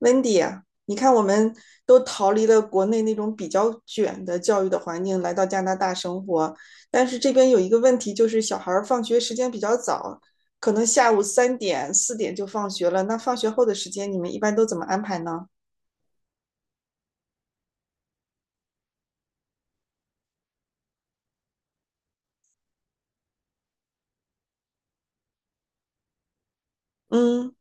Wendy 啊，你看我们都逃离了国内那种比较卷的教育的环境，来到加拿大生活，但是这边有一个问题，就是小孩儿放学时间比较早，可能下午三点、四点就放学了。那放学后的时间，你们一般都怎么安排呢？嗯，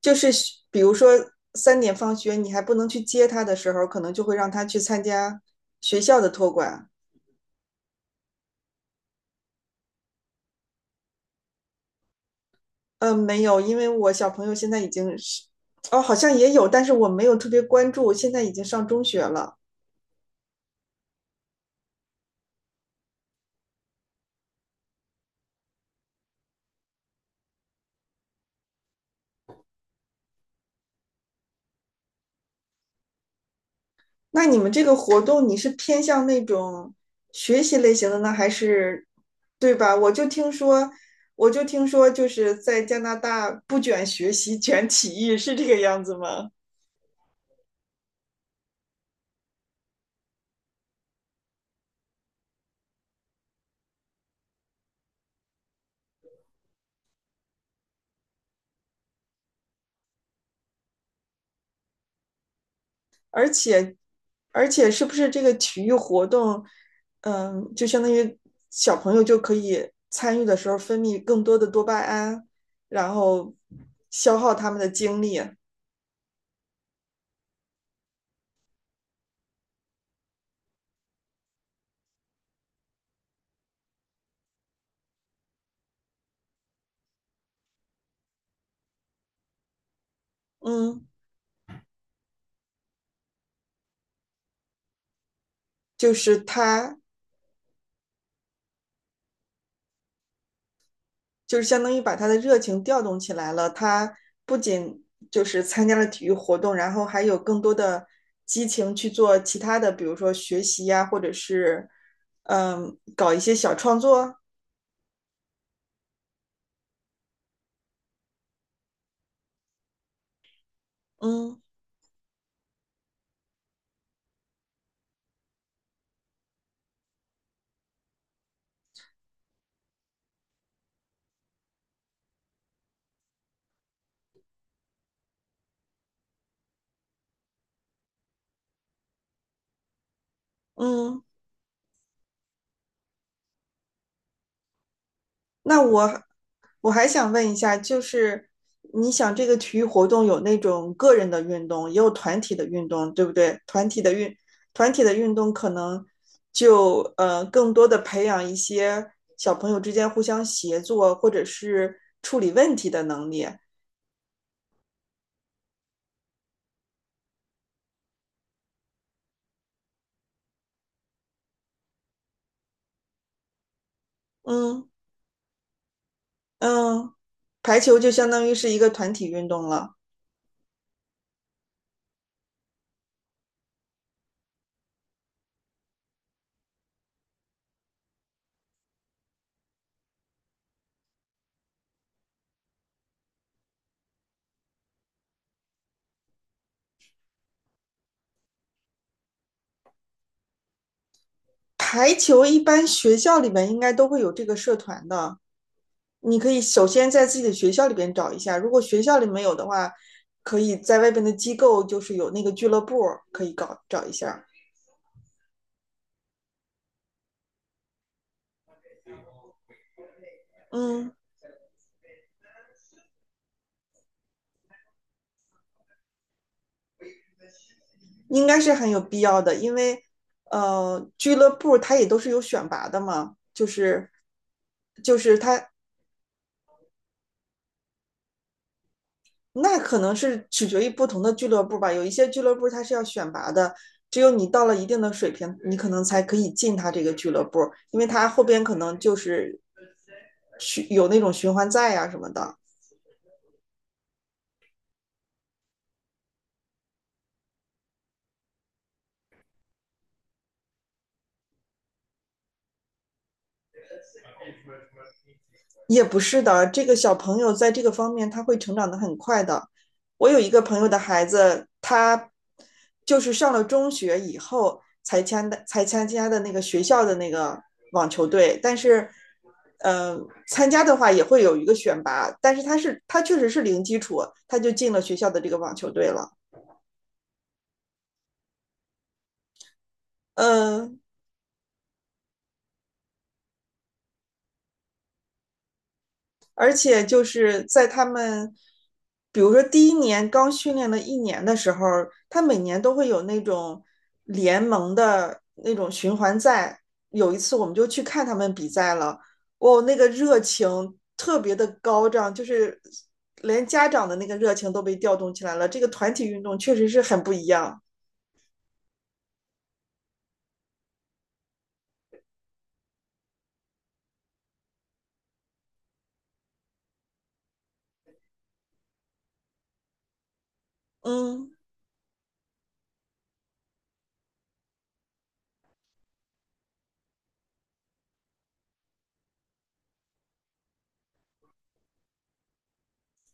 就是比如说三点放学，你还不能去接他的时候，可能就会让他去参加学校的托管。嗯，没有，因为我小朋友现在已经是，哦，好像也有，但是我没有特别关注，现在已经上中学了。那你们这个活动，你是偏向那种学习类型的呢，还是对吧？我就听说，就是在加拿大不卷学习，卷体育，是这个样子吗？而且，而且是不是这个体育活动，嗯，就相当于小朋友就可以参与的时候分泌更多的多巴胺，然后消耗他们的精力，嗯，就是他就是相当于把他的热情调动起来了。他不仅就是参加了体育活动，然后还有更多的激情去做其他的，比如说学习呀、啊或者是搞一些小创作。嗯嗯。那我还想问一下，就是你想这个体育活动有那种个人的运动，也有团体的运动，对不对？团体的运动可能就更多的培养一些小朋友之间互相协作或者是处理问题的能力。嗯嗯，排球就相当于是一个团体运动了。排球一般学校里面应该都会有这个社团的。你可以首先在自己的学校里边找一下，如果学校里没有的话，可以在外边的机构，就是有那个俱乐部可以搞找一下。嗯，应该是很有必要的，因为俱乐部它也都是有选拔的嘛，就是就是它那可能是取决于不同的俱乐部吧，有一些俱乐部它是要选拔的。只有你到了一定的水平，你可能才可以进他这个俱乐部，因为他后边可能就是有那种循环赛呀、什么的。也不是的，这个小朋友在这个方面他会成长的很快的。我有一个朋友的孩子，他就是上了中学以后才参的，才参加的那个学校的那个网球队，但是，呃，参加的话也会有一个选拔，但是他确实是零基础，他就进了学校的这个网球队了。嗯、呃而且就是在他们，比如说第一年刚训练了一年的时候，他每年都会有那种联盟的那种循环赛。有一次我们就去看他们比赛了，哦，那个热情特别的高涨，就是连家长的那个热情都被调动起来了。这个团体运动确实是很不一样，嗯。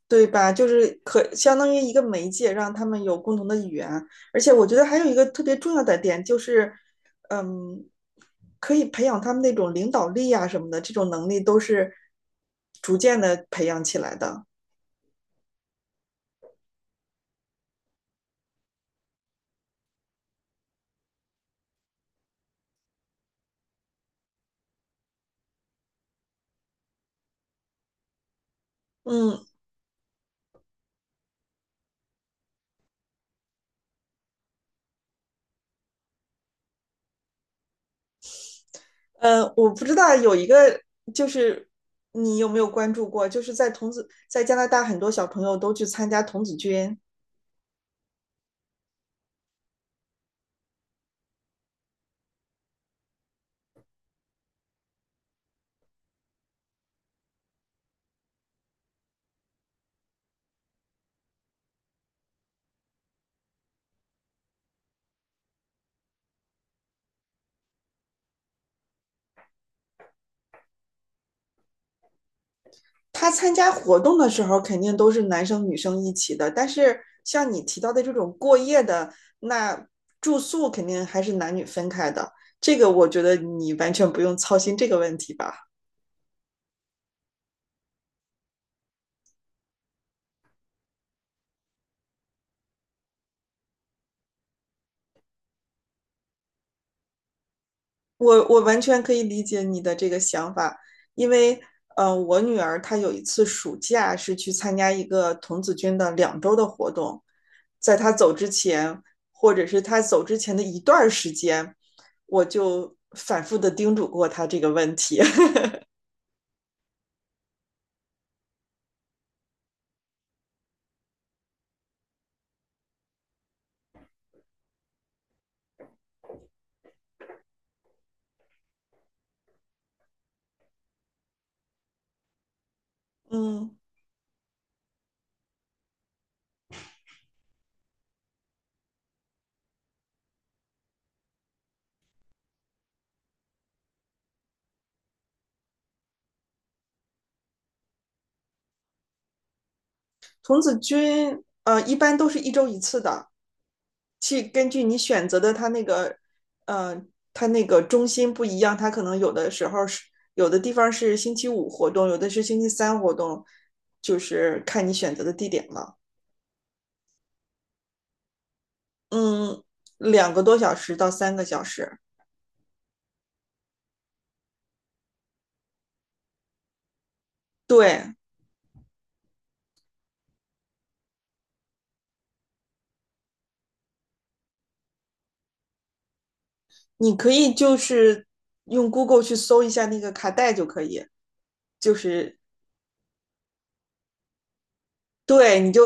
对吧？就是可相当于一个媒介，让他们有共同的语言。而且我觉得还有一个特别重要的点就是，嗯，可以培养他们那种领导力啊什么的，这种能力都是逐渐的培养起来的。嗯我不知道有一个就是你有没有关注过，就是在童子在加拿大很多小朋友都去参加童子军。他参加活动的时候肯定都是男生女生一起的，但是像你提到的这种过夜的，那住宿肯定还是男女分开的。这个我觉得你完全不用操心这个问题吧，我完全可以理解你的这个想法，因为我女儿她有一次暑假是去参加一个童子军的两周的活动，在她走之前，或者是她走之前的一段时间，我就反复的叮嘱过她这个问题。嗯，童子军一般都是一周一次的，去根据你选择的它那个呃它那个中心不一样，它可能有的时候是有的地方是星期五活动，有的是星期三活动，就是看你选择的地点了。嗯，两个多小时到三个小时，对，你可以就是用 Google 去搜一下那个卡带就可以，就是对，你就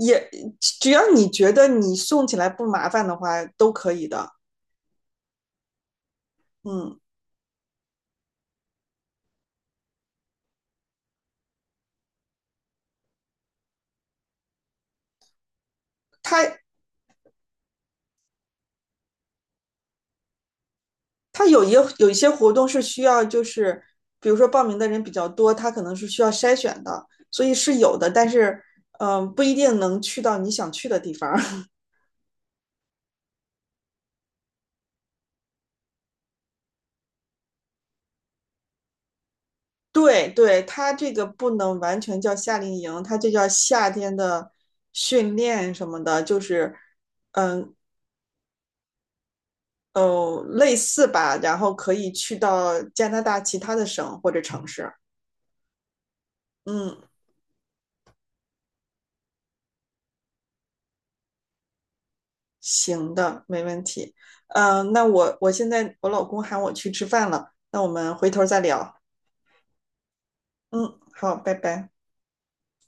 也只要你觉得你送起来不麻烦的话，都可以的。嗯，它它有一些活动是需要，就是比如说报名的人比较多，它可能是需要筛选的，所以是有的，但是不一定能去到你想去的地方。对对，它这个不能完全叫夏令营，它就叫夏天的训练什么的，就是嗯哦类似吧，然后可以去到加拿大其他的省或者城市。嗯，行的，没问题。嗯，那我现在我老公喊我去吃饭了，那我们回头再聊。嗯，好，拜拜。